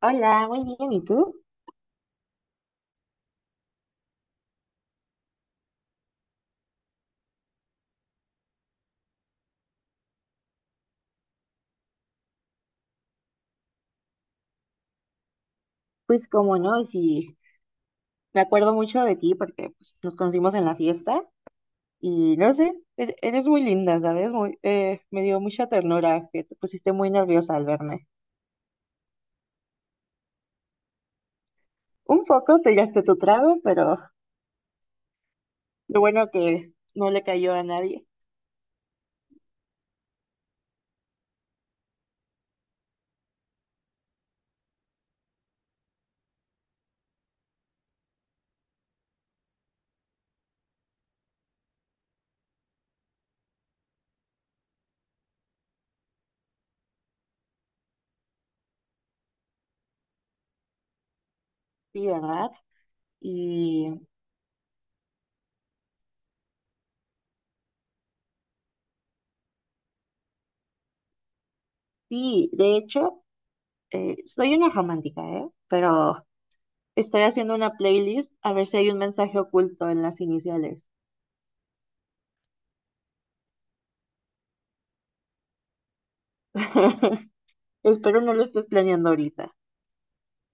Hola, muy bien, ¿y tú? Pues como no, sí, me acuerdo mucho de ti porque pues, nos conocimos en la fiesta y no sé, eres muy linda, ¿sabes? Me dio mucha ternura que te pusiste muy nerviosa al verme. Un poco te tiraste tu trago, pero lo bueno que no le cayó a nadie, sí, ¿verdad? Y sí, de hecho, soy una romántica, ¿eh? Pero estoy haciendo una playlist a ver si hay un mensaje oculto en las iniciales. Espero no lo estés planeando ahorita.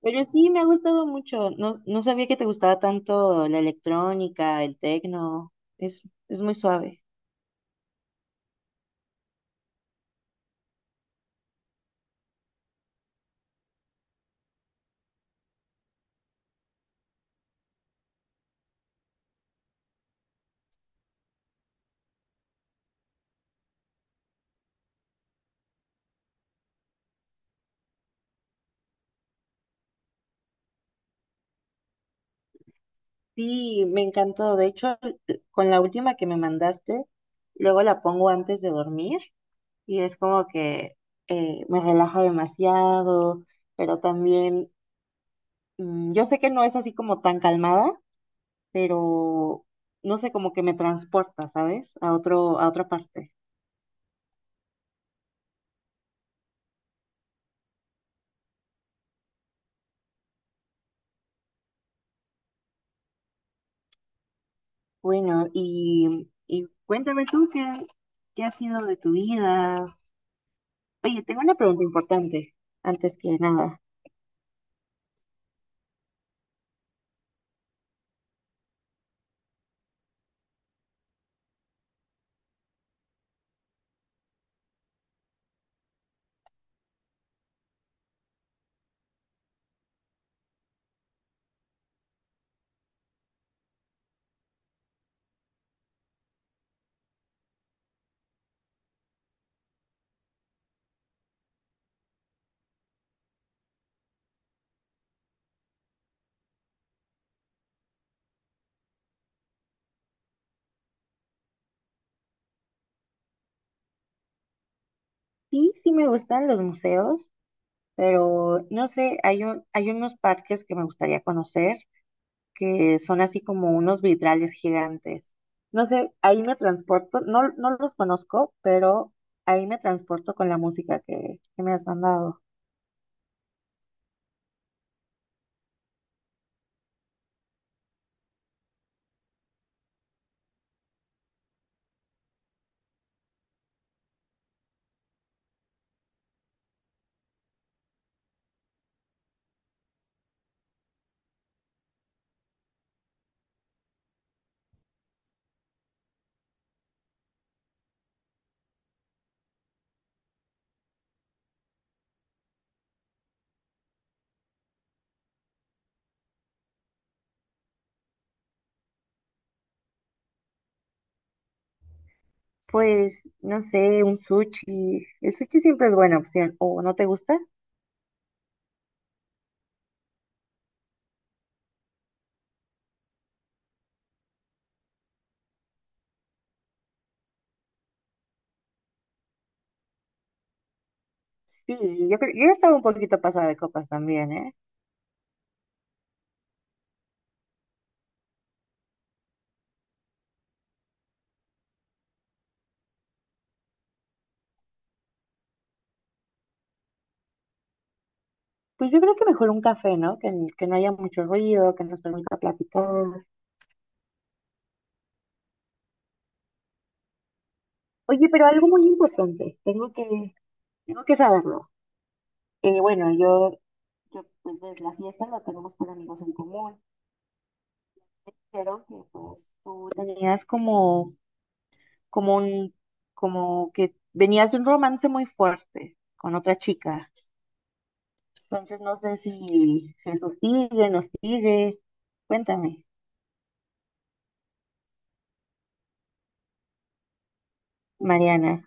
Pero sí, me ha gustado mucho. No, no sabía que te gustaba tanto la electrónica, el techno. Es, es muy suave. Sí, me encantó. De hecho, con la última que me mandaste, luego la pongo antes de dormir y es como que me relaja demasiado, pero también, yo sé que no es así como tan calmada, pero no sé, como que me transporta, ¿sabes? A otro, a otra parte. Bueno, y cuéntame tú qué, qué ha sido de tu vida. Oye, tengo una pregunta importante, antes que nada. Sí, sí me gustan los museos, pero no sé, hay unos parques que me gustaría conocer que son así como unos vitrales gigantes. No sé, ahí me transporto, no, no los conozco, pero ahí me transporto con la música que me has mandado. Pues, no sé, un sushi. El sushi siempre es buena opción, ¿o no te gusta? Sí, yo estaba un poquito pasada de copas también, ¿eh? Pues yo creo que mejor un café, ¿no? Que no haya mucho ruido, que nos permita platicar. Oye, pero algo muy importante, tengo que saberlo. Bueno, pues ves, la fiesta la tenemos por amigos en común, pero que pues tú tenías como, como un, como que venías de un romance muy fuerte con otra chica. Entonces no sé si, si eso sigue, nos sigue. Cuéntame, Mariana.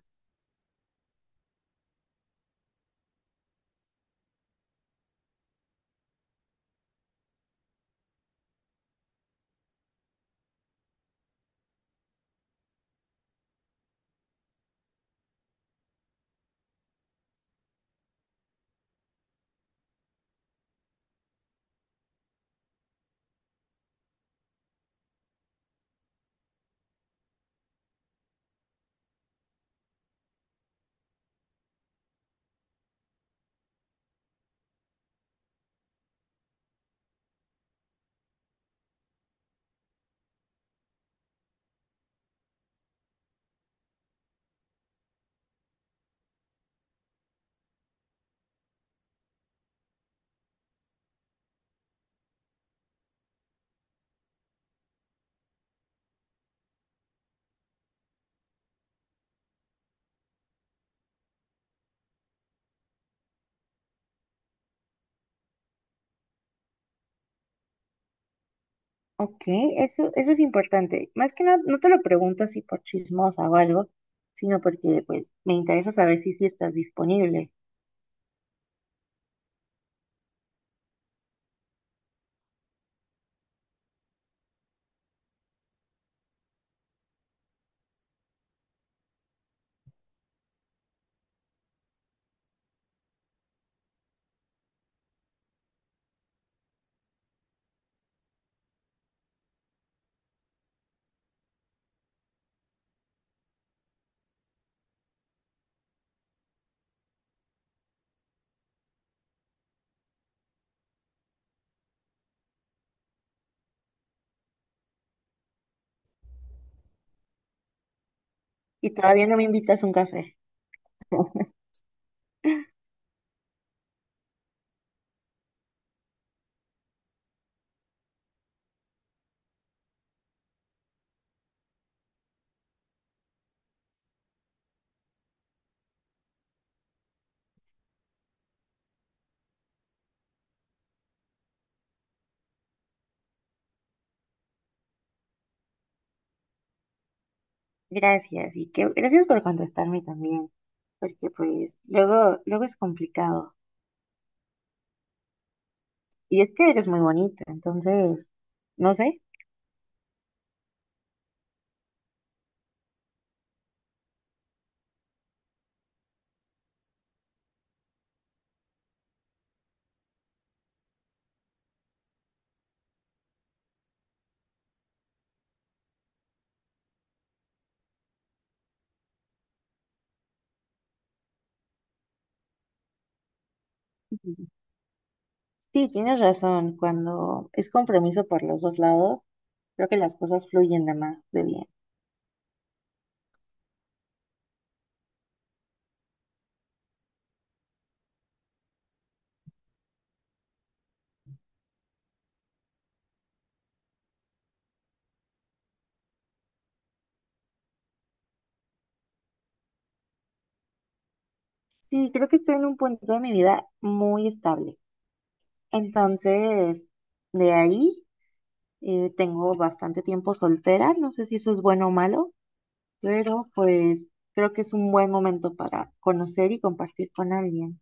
Ok, eso es importante. Más que nada, no te lo pregunto así por chismosa o algo, sino porque pues me interesa saber si, si estás disponible. Y todavía no me invitas a un café. Gracias, y que gracias por contestarme también, porque pues luego, luego es complicado. Y es que eres muy bonita, entonces, no sé. Ujú. Sí, tienes razón, cuando es compromiso por los dos lados, creo que las cosas fluyen de más de bien. Sí, creo que estoy en un punto de mi vida muy estable. Entonces, de ahí tengo bastante tiempo soltera, no sé si eso es bueno o malo, pero pues creo que es un buen momento para conocer y compartir con alguien.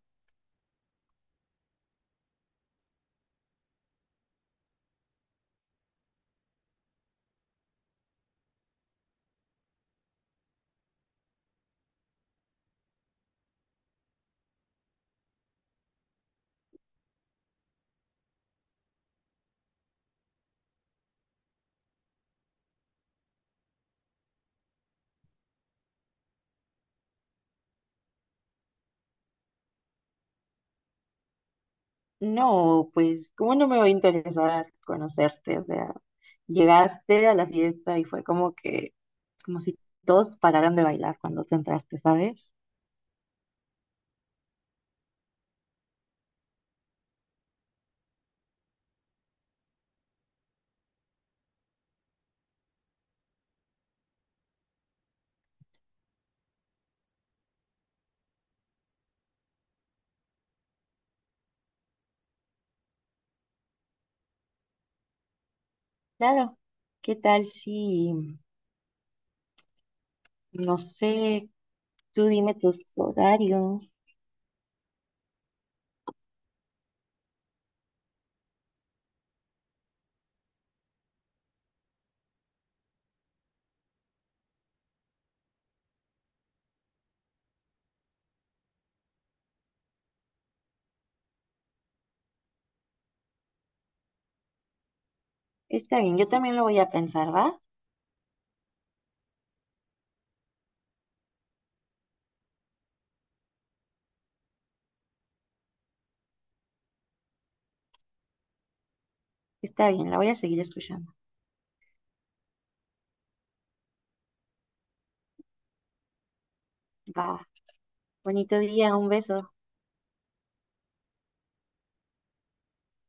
No, pues, ¿cómo no me va a interesar conocerte? O sea, llegaste a la fiesta y fue como que, como si todos pararan de bailar cuando te entraste, ¿sabes? Claro, ¿qué tal si, no sé, tú dime tus horarios? Está bien, yo también lo voy a pensar, ¿va? Está bien, la voy a seguir escuchando. Va. Bonito día, un beso.